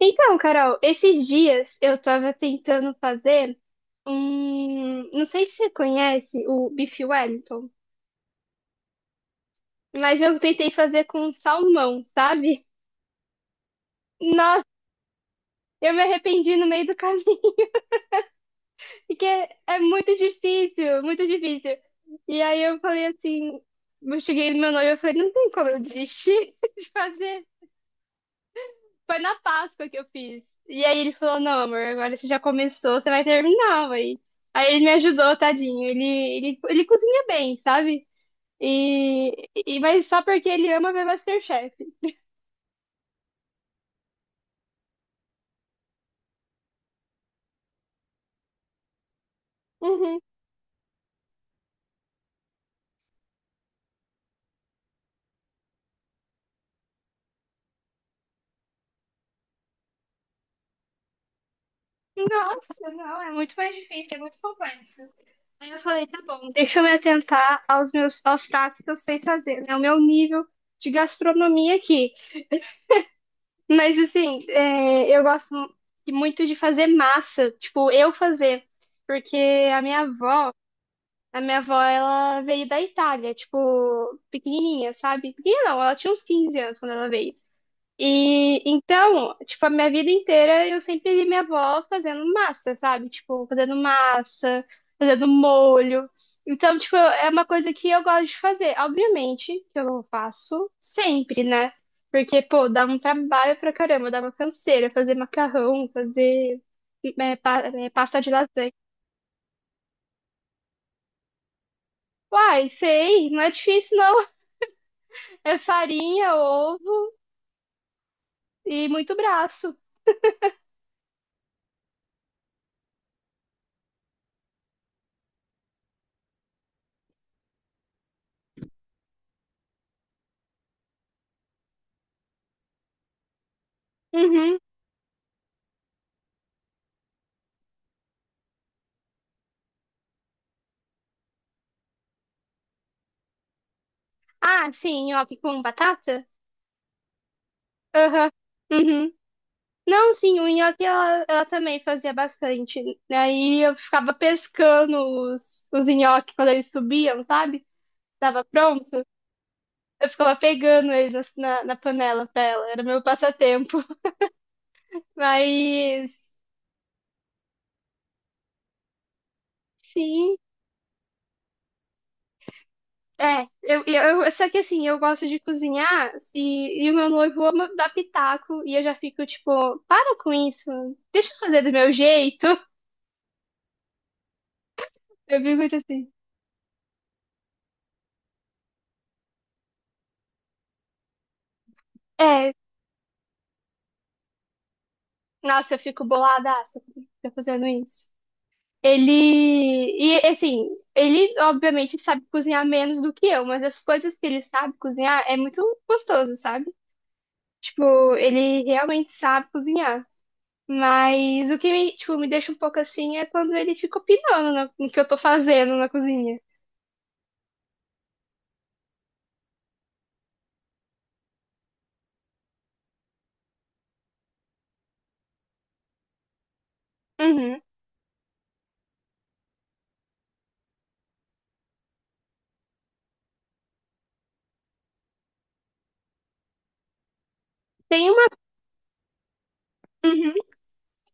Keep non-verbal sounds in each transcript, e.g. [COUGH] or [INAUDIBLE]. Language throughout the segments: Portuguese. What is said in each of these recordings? Então, Carol, esses dias eu tava tentando fazer um. Não sei se você conhece o bife Wellington, mas eu tentei fazer com salmão, sabe? Nossa, eu me arrependi no meio do caminho, [LAUGHS] porque é muito difícil, muito difícil. E aí eu falei assim, eu cheguei no meu noivo e falei, não tem como eu desistir [LAUGHS] de fazer. Foi na Páscoa que eu fiz. E aí ele falou: Não, amor, agora você já começou, você vai terminar, Aí ele me ajudou, tadinho. Ele cozinha bem, sabe? Mas só porque ele ama ver MasterChef. Uhum. Nossa, não, é muito mais difícil, é muito complexo. Aí eu falei, tá bom, deixa eu me atentar aos pratos que eu sei fazer, né? O meu nível de gastronomia aqui. Mas assim, eu gosto muito de fazer massa, tipo, eu fazer, porque a minha avó, a minha avó, ela veio da Itália, tipo, pequenininha, sabe? Pequenininha não, ela tinha uns 15 anos quando ela veio. E então, tipo, a minha vida inteira eu sempre vi minha avó fazendo massa, sabe? Tipo, fazendo massa, fazendo molho. Então, tipo, é uma coisa que eu gosto de fazer. Obviamente que eu faço sempre, né? Porque, pô, dá um trabalho pra caramba, dá uma canseira fazer macarrão, fazer pasta de lasanha. Uai, sei, não é difícil não. [LAUGHS] É farinha, ovo e muito braço. Uhum. Ah, sim, nhoque com batata? Aham. Uhum. Não, sim, o nhoque ela também fazia bastante, né? Aí eu ficava pescando os nhoques quando eles subiam, sabe? Tava pronto. Eu ficava pegando eles assim, na panela pra ela. Era meu passatempo. [LAUGHS] Mas, sim, é. Só que assim, eu gosto de cozinhar e o meu noivo ama dar pitaco. E eu já fico tipo, para com isso. Deixa eu fazer do meu jeito. [LAUGHS] Eu fico muito assim. É, Nossa, eu fico boladaça quando ele fica fazendo isso. Ele. E assim, ele obviamente sabe cozinhar menos do que eu, mas as coisas que ele sabe cozinhar é muito gostoso, sabe? Tipo, ele realmente sabe cozinhar. Mas o que me, tipo, me deixa um pouco assim é quando ele fica opinando no que eu tô fazendo na cozinha. Uhum. Tem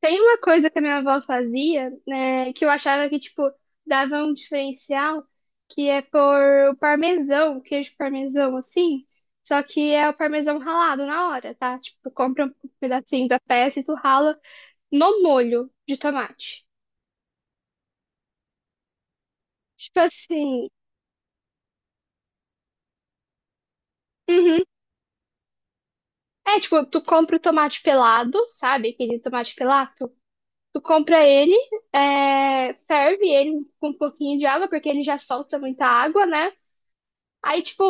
Tem uma coisa que a minha avó fazia, né, que eu achava que, tipo, dava um diferencial, que é pôr o parmesão, queijo parmesão, assim, só que é o parmesão ralado na hora, tá? Tipo, tu compra um pedacinho da peça e tu rala no molho de tomate. Tipo assim, uhum. É, tipo, tu compra o tomate pelado, sabe? Aquele tomate pelado. Tu compra ele, ferve ele com um pouquinho de água, porque ele já solta muita água, né? Aí, tipo,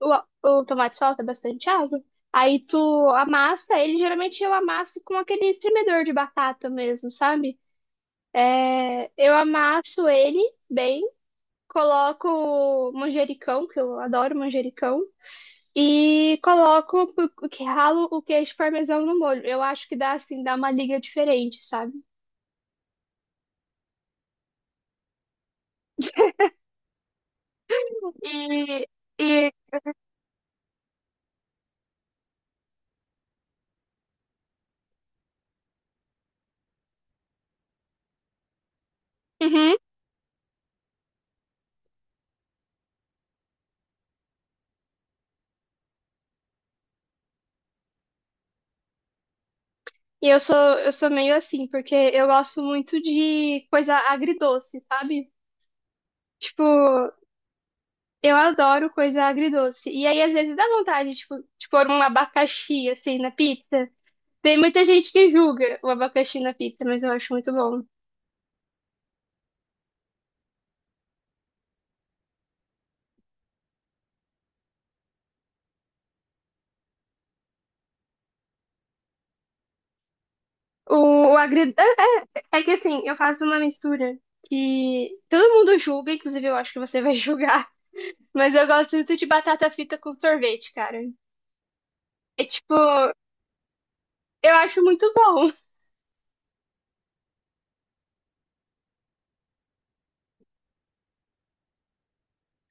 O, o tomate solta bastante água. Aí tu amassa, ele geralmente eu amasso com aquele espremedor de batata mesmo, sabe? Eu amasso ele bem, coloco manjericão, que eu adoro manjericão, e coloco, o que ralo o queijo parmesão no molho. Eu acho que dá assim, dá uma liga diferente, sabe? E, e, uhum. E eu sou, meio assim, porque eu gosto muito de coisa agridoce, sabe? Tipo, eu adoro coisa agridoce. E aí, às vezes, dá vontade, tipo, de pôr um abacaxi, assim, na pizza. Tem muita gente que julga o abacaxi na pizza, mas eu acho muito bom. O, o agridoce. É que, assim, eu faço uma mistura que todo mundo julga, inclusive eu acho que você [LAUGHS] vai julgar. Mas eu gosto muito de batata frita com sorvete, cara. É, tipo, eu acho muito bom.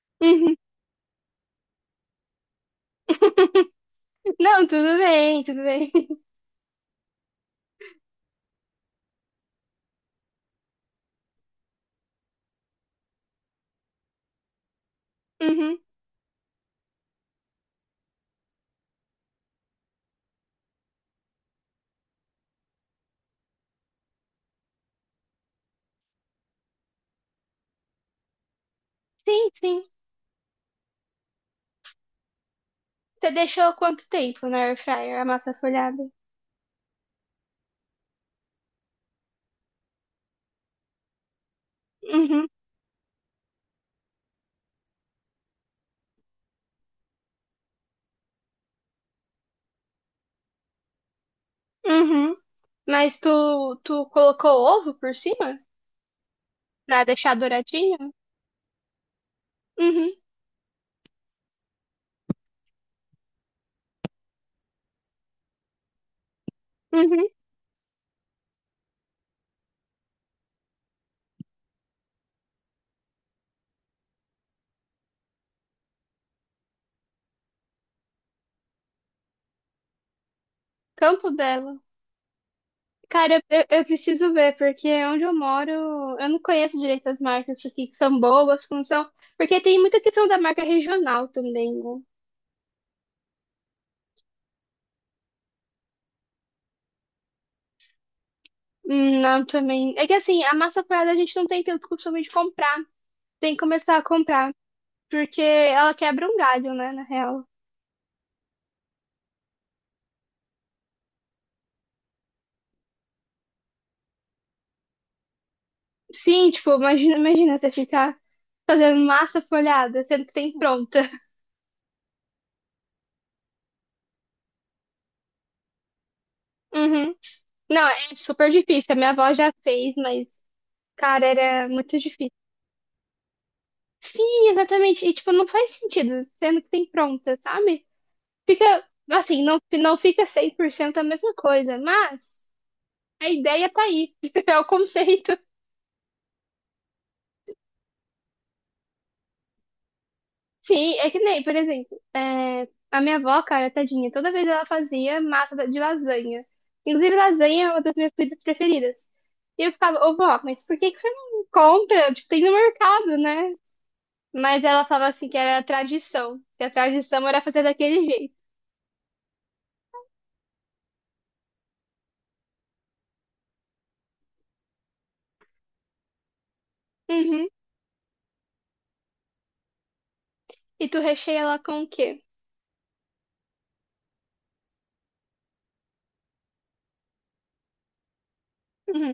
[LAUGHS] Uhum. Não, tudo bem, tudo bem. Uhum. Sim, sim. Você deixou quanto tempo na air fryer a massa folhada? Uhum. Uhum. Mas tu colocou ovo por cima? Pra deixar douradinho? Uhum. Uhum. Campo Belo. Cara, eu preciso ver, porque onde eu moro, eu não conheço direito as marcas aqui, que são boas, que não são. Porque tem muita questão da marca regional também, né? Não, também. É que assim, a massa folhada a gente não tem tanto costume de comprar. Tem que começar a comprar. Porque ela quebra um galho, né, na real. Sim, tipo, imagina, imagina você ficar fazendo massa folhada, sendo que tem pronta. Uhum. Não, é super difícil. A minha avó já fez, mas, cara, era muito difícil. Sim, exatamente. E, tipo, não faz sentido, sendo que tem pronta, sabe? Fica, assim, não, não fica 100% a mesma coisa, mas a ideia tá aí. [LAUGHS] É o conceito. Sim, é que nem, por exemplo, a minha avó, cara, tadinha, toda vez ela fazia massa de lasanha. Inclusive, lasanha é uma das minhas comidas preferidas. E eu ficava, ô vó, mas por que que você não compra? Tipo, tem no mercado, né? Mas ela falava assim que era tradição, que a tradição era fazer daquele jeito. Uhum. E tu recheia ela com o quê? Uhum.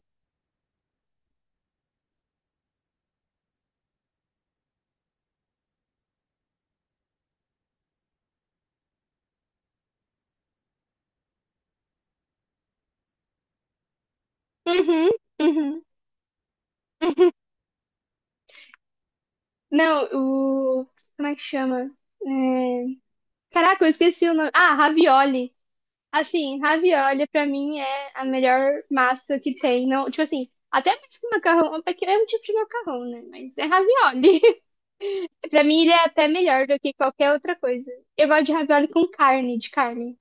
Uhum. Uhum. Uhum. Não, o. Como é que chama? É, Caraca, eu esqueci o nome. Ah, ravioli. Assim, ravioli pra mim é a melhor massa que tem. Não, tipo assim, até mais que macarrão, até que é um tipo de macarrão, né? Mas é ravioli. [LAUGHS] Pra mim ele é até melhor do que qualquer outra coisa. Eu gosto de ravioli com carne, de carne.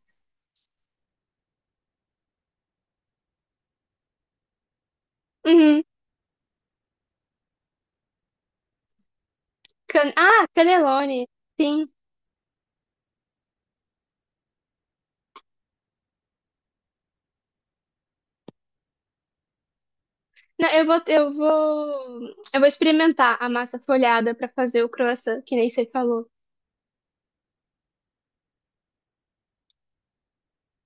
Uhum. Ah, cannelloni. Sim. Não, eu vou experimentar a massa folhada para fazer o croissant, que nem você falou.